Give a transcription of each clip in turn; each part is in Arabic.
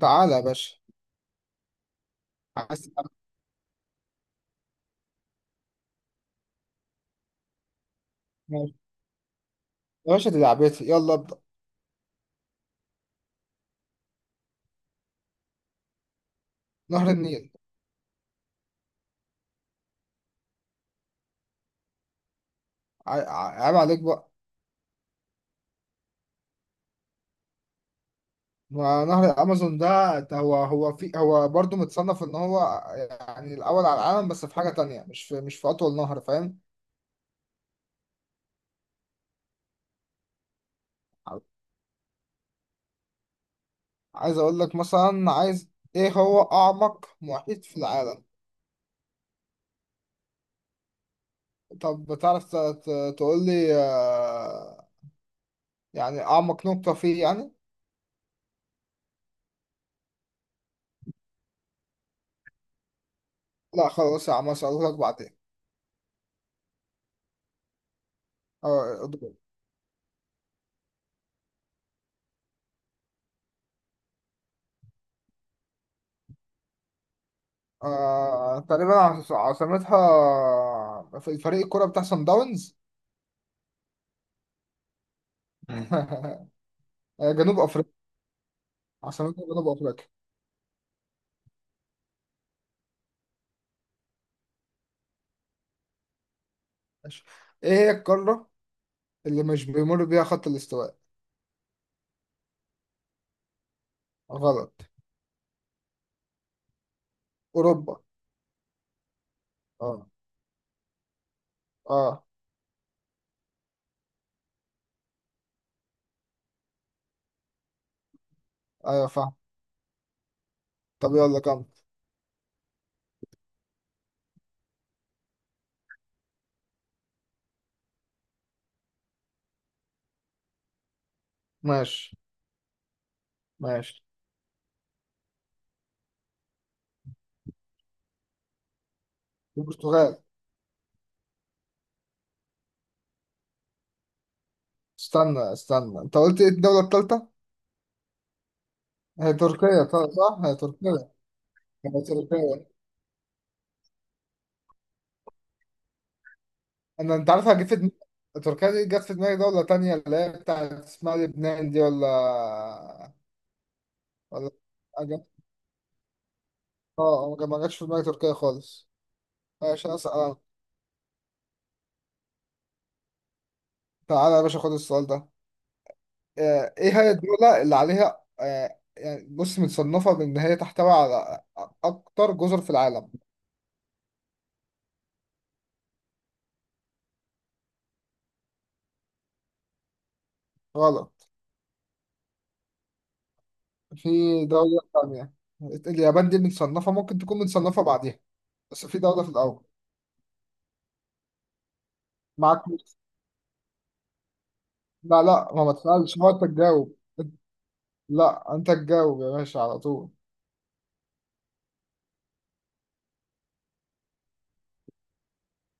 تعالى يا باشا. عايز تلعب؟ ماشي. يا باشا، دي لعبتي، يلا ابدأ. نهر النيل. عيب عليك بقى. ما نهر الأمازون ده هو برضه متصنف إن هو، يعني، الأول على العالم، بس في حاجة تانية، مش في أطول نهر، فاهم؟ عايز أقول لك مثلا، إيه هو أعمق محيط في العالم؟ طب بتعرف تقول لي، يعني أعمق نقطة فيه يعني؟ لا خلاص يا عم، أسألهولك بعدين. آه، آه تقريبا. عاصمتها في فريق الكرة بتاع سان داونز. مم. جنوب أفريقيا. عاصمتها جنوب أفريقيا. ماشي. إيه هي القارة اللي مش بيمر بيها خط الاستواء؟ غلط. أوروبا. أه. أه. أيوة فاهم. طب يلا كمل. ماشي. ماشي. البرتغال. استنى استنى، أنت قلت إيه الدولة التالتة؟ هي تركيا طبعا، صح؟ هي تركيا. هي تركيا. انت عارف جه في دماغي؟ تركيا دي جت في دماغي دولة تانية، اللي هي بتاعت اسمها لبنان دي، ولا ولا. أجل. اه. ما جاتش في دماغي تركيا خالص. ماشي، اسال أنا. تعالى يا باشا خد السؤال ده. ايه هي الدولة اللي عليها، يعني بص، متصنفة بان هي تحتوي على اكتر جزر في العالم؟ غلط. في دولة تانية. اليابان دي متصنفة، ممكن تكون متصنفة بعديها، بس في دولة في الأول. معاك. لا لا، ما تسألش، هو أنت تجاوب. لا، انت تجاوب يا باشا على طول.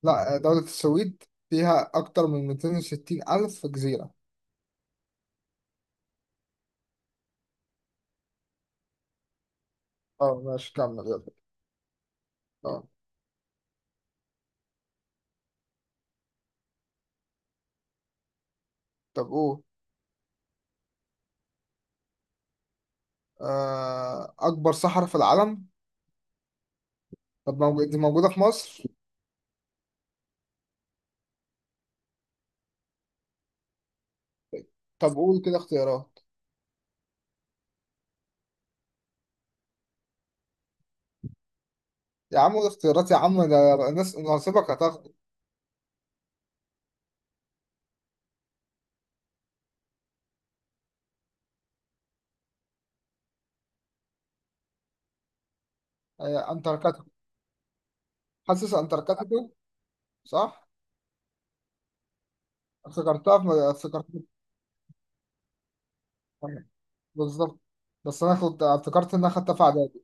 لا، دولة السويد، فيها اكتر من 260 الف جزيرة. اه، ماشي، كمل يلا. اه. طب قول. اكبر صحراء في العالم. طب موجود، دي موجودة في مصر. طب قول كده اختيارات. يا عم قول اختيارات يا عم، ده الناس ناصبك هتاخد. انتاركتيكا. حاسس انتاركتيكا. صح. افتكرتها. في- بالظبط. بس انا كنت افتكرت ان انا خدتها في اعدادي.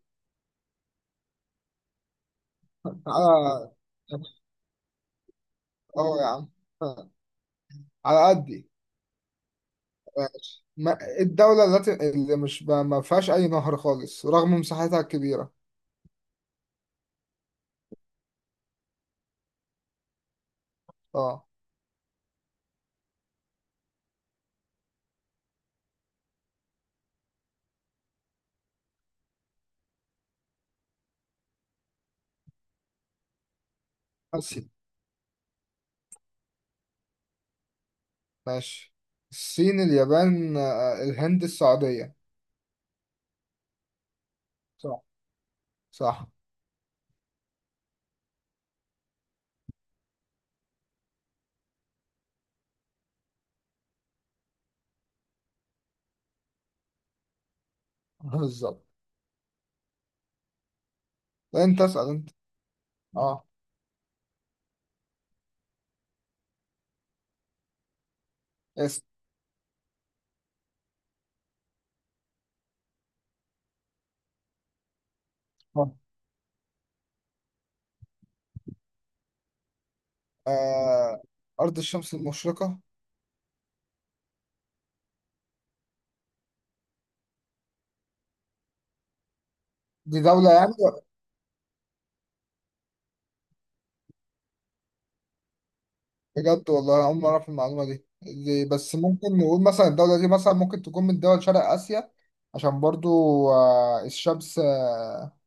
اه. يا عم، على قد ما الدولة التي اللي مش ب- ما فيهاش أي نهر خالص رغم مساحتها الكبيرة. اه. آسيا. ماشي. الصين، اليابان، الهند، السعودية. صح. صح. بالظبط. أنت اسأل أنت. اه. اسأل. آه. أرض الشمس المشرقة. دي دولة يعني. بجد والله أنا أول مرة أعرف المعلومة دي. دي بس ممكن نقول مثلا الدولة دي مثلا ممكن تكون من دول شرق آسيا، عشان برضو الشمس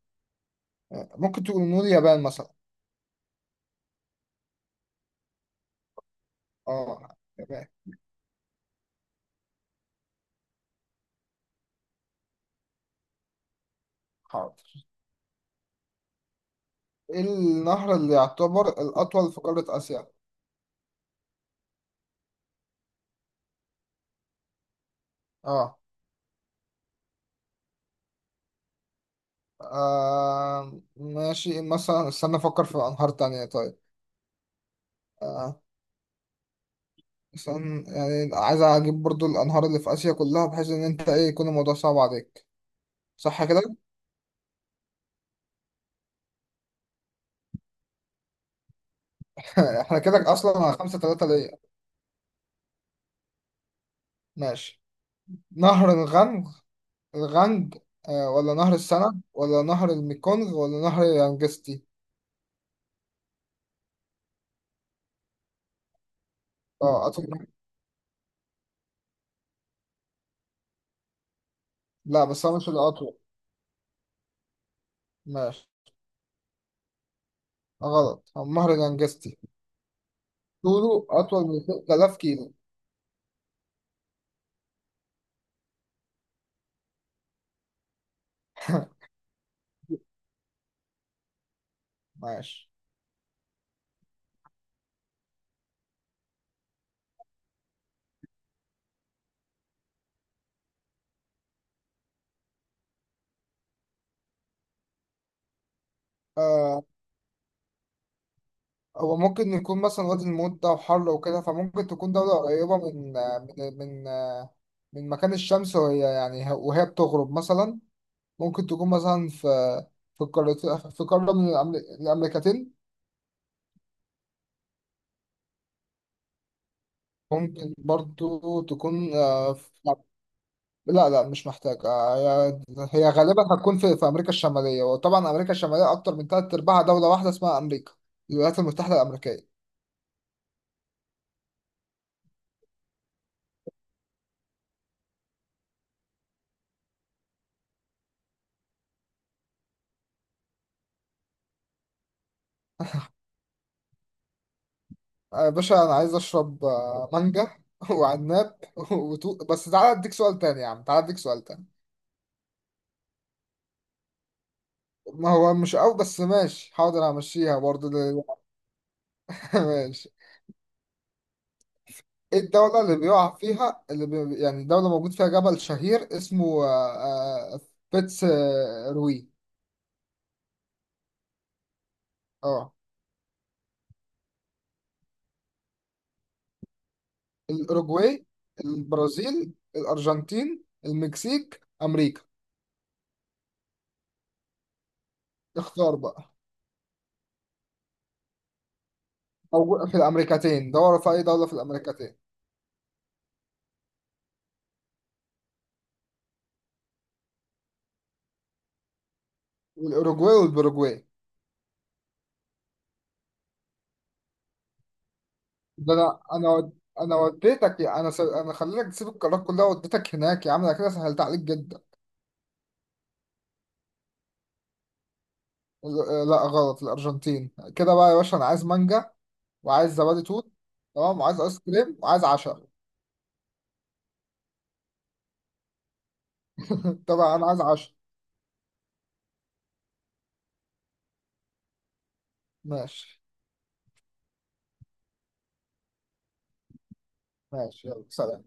ممكن تقول نقول اليابان مثلا. اه تمام. حاضر. ايه النهر اللي يعتبر الأطول في قارة آسيا؟ اه. ماشي، مثلا استنى أفكر في أنهار تانية طيب. آه. مثلا يعني عايز أجيب برضو الأنهار اللي في آسيا كلها، بحيث إن أنت، إيه، يكون الموضوع صعب عليك. صح كده؟ احنا كده أصلا على 5-3 ليا. ماشي. نهر الغنج. الغنج ولا نهر السنة ولا نهر الميكونغ ولا نهر يانجستي؟ اه، أطول. لا بس هو مش الأطول. ماشي. غلط. هو مهرجان جاستي. طوله أطول من 3000 كيلو. ماشي. آه هو ممكن يكون مثلا وادي الموت ده وحر وكده، فممكن تكون دولة قريبة من، من مكان الشمس وهي، يعني وهي بتغرب مثلا، ممكن تكون مثلا في، في قارة في قارة من الأمريكتين. ممكن برضو تكون آه، في لا لا مش محتاج. هي غالبا هتكون في امريكا الشماليه، وطبعا امريكا الشماليه اكتر من ثلاث ارباعها دوله واحده اسمها امريكا، الولايات المتحده الامريكيه. يا باشا، انا عايز اشرب مانجا وعناب. بس تعالى اديك سؤال تاني، يا عم تعالى اديك سؤال تاني. ما هو مش قوي بس ماشي حاضر همشيها برضه ماشي. ايه الدولة اللي بيقع فيها، يعني دولة موجود فيها جبل شهير اسمه فيتس روي. اه. الأوروجواي، البرازيل، الأرجنتين، المكسيك، أمريكا. اختار بقى. أو في الأمريكتين، دور في أي دولة في الأمريكتين. والأوروجواي والبروجواي. ده أنا أنا وديتك، أنا خليتك تسيب القارات كلها وديتك هناك يا عم، أنا كده سهلت عليك جدا. لا غلط، الأرجنتين. كده بقى يا باشا، أنا عايز مانجا وعايز زبادي توت. تمام. وعايز آيس كريم وعايز عشاء. طبعا أنا عايز عشاء. ماشي. ماشي يلا سلام.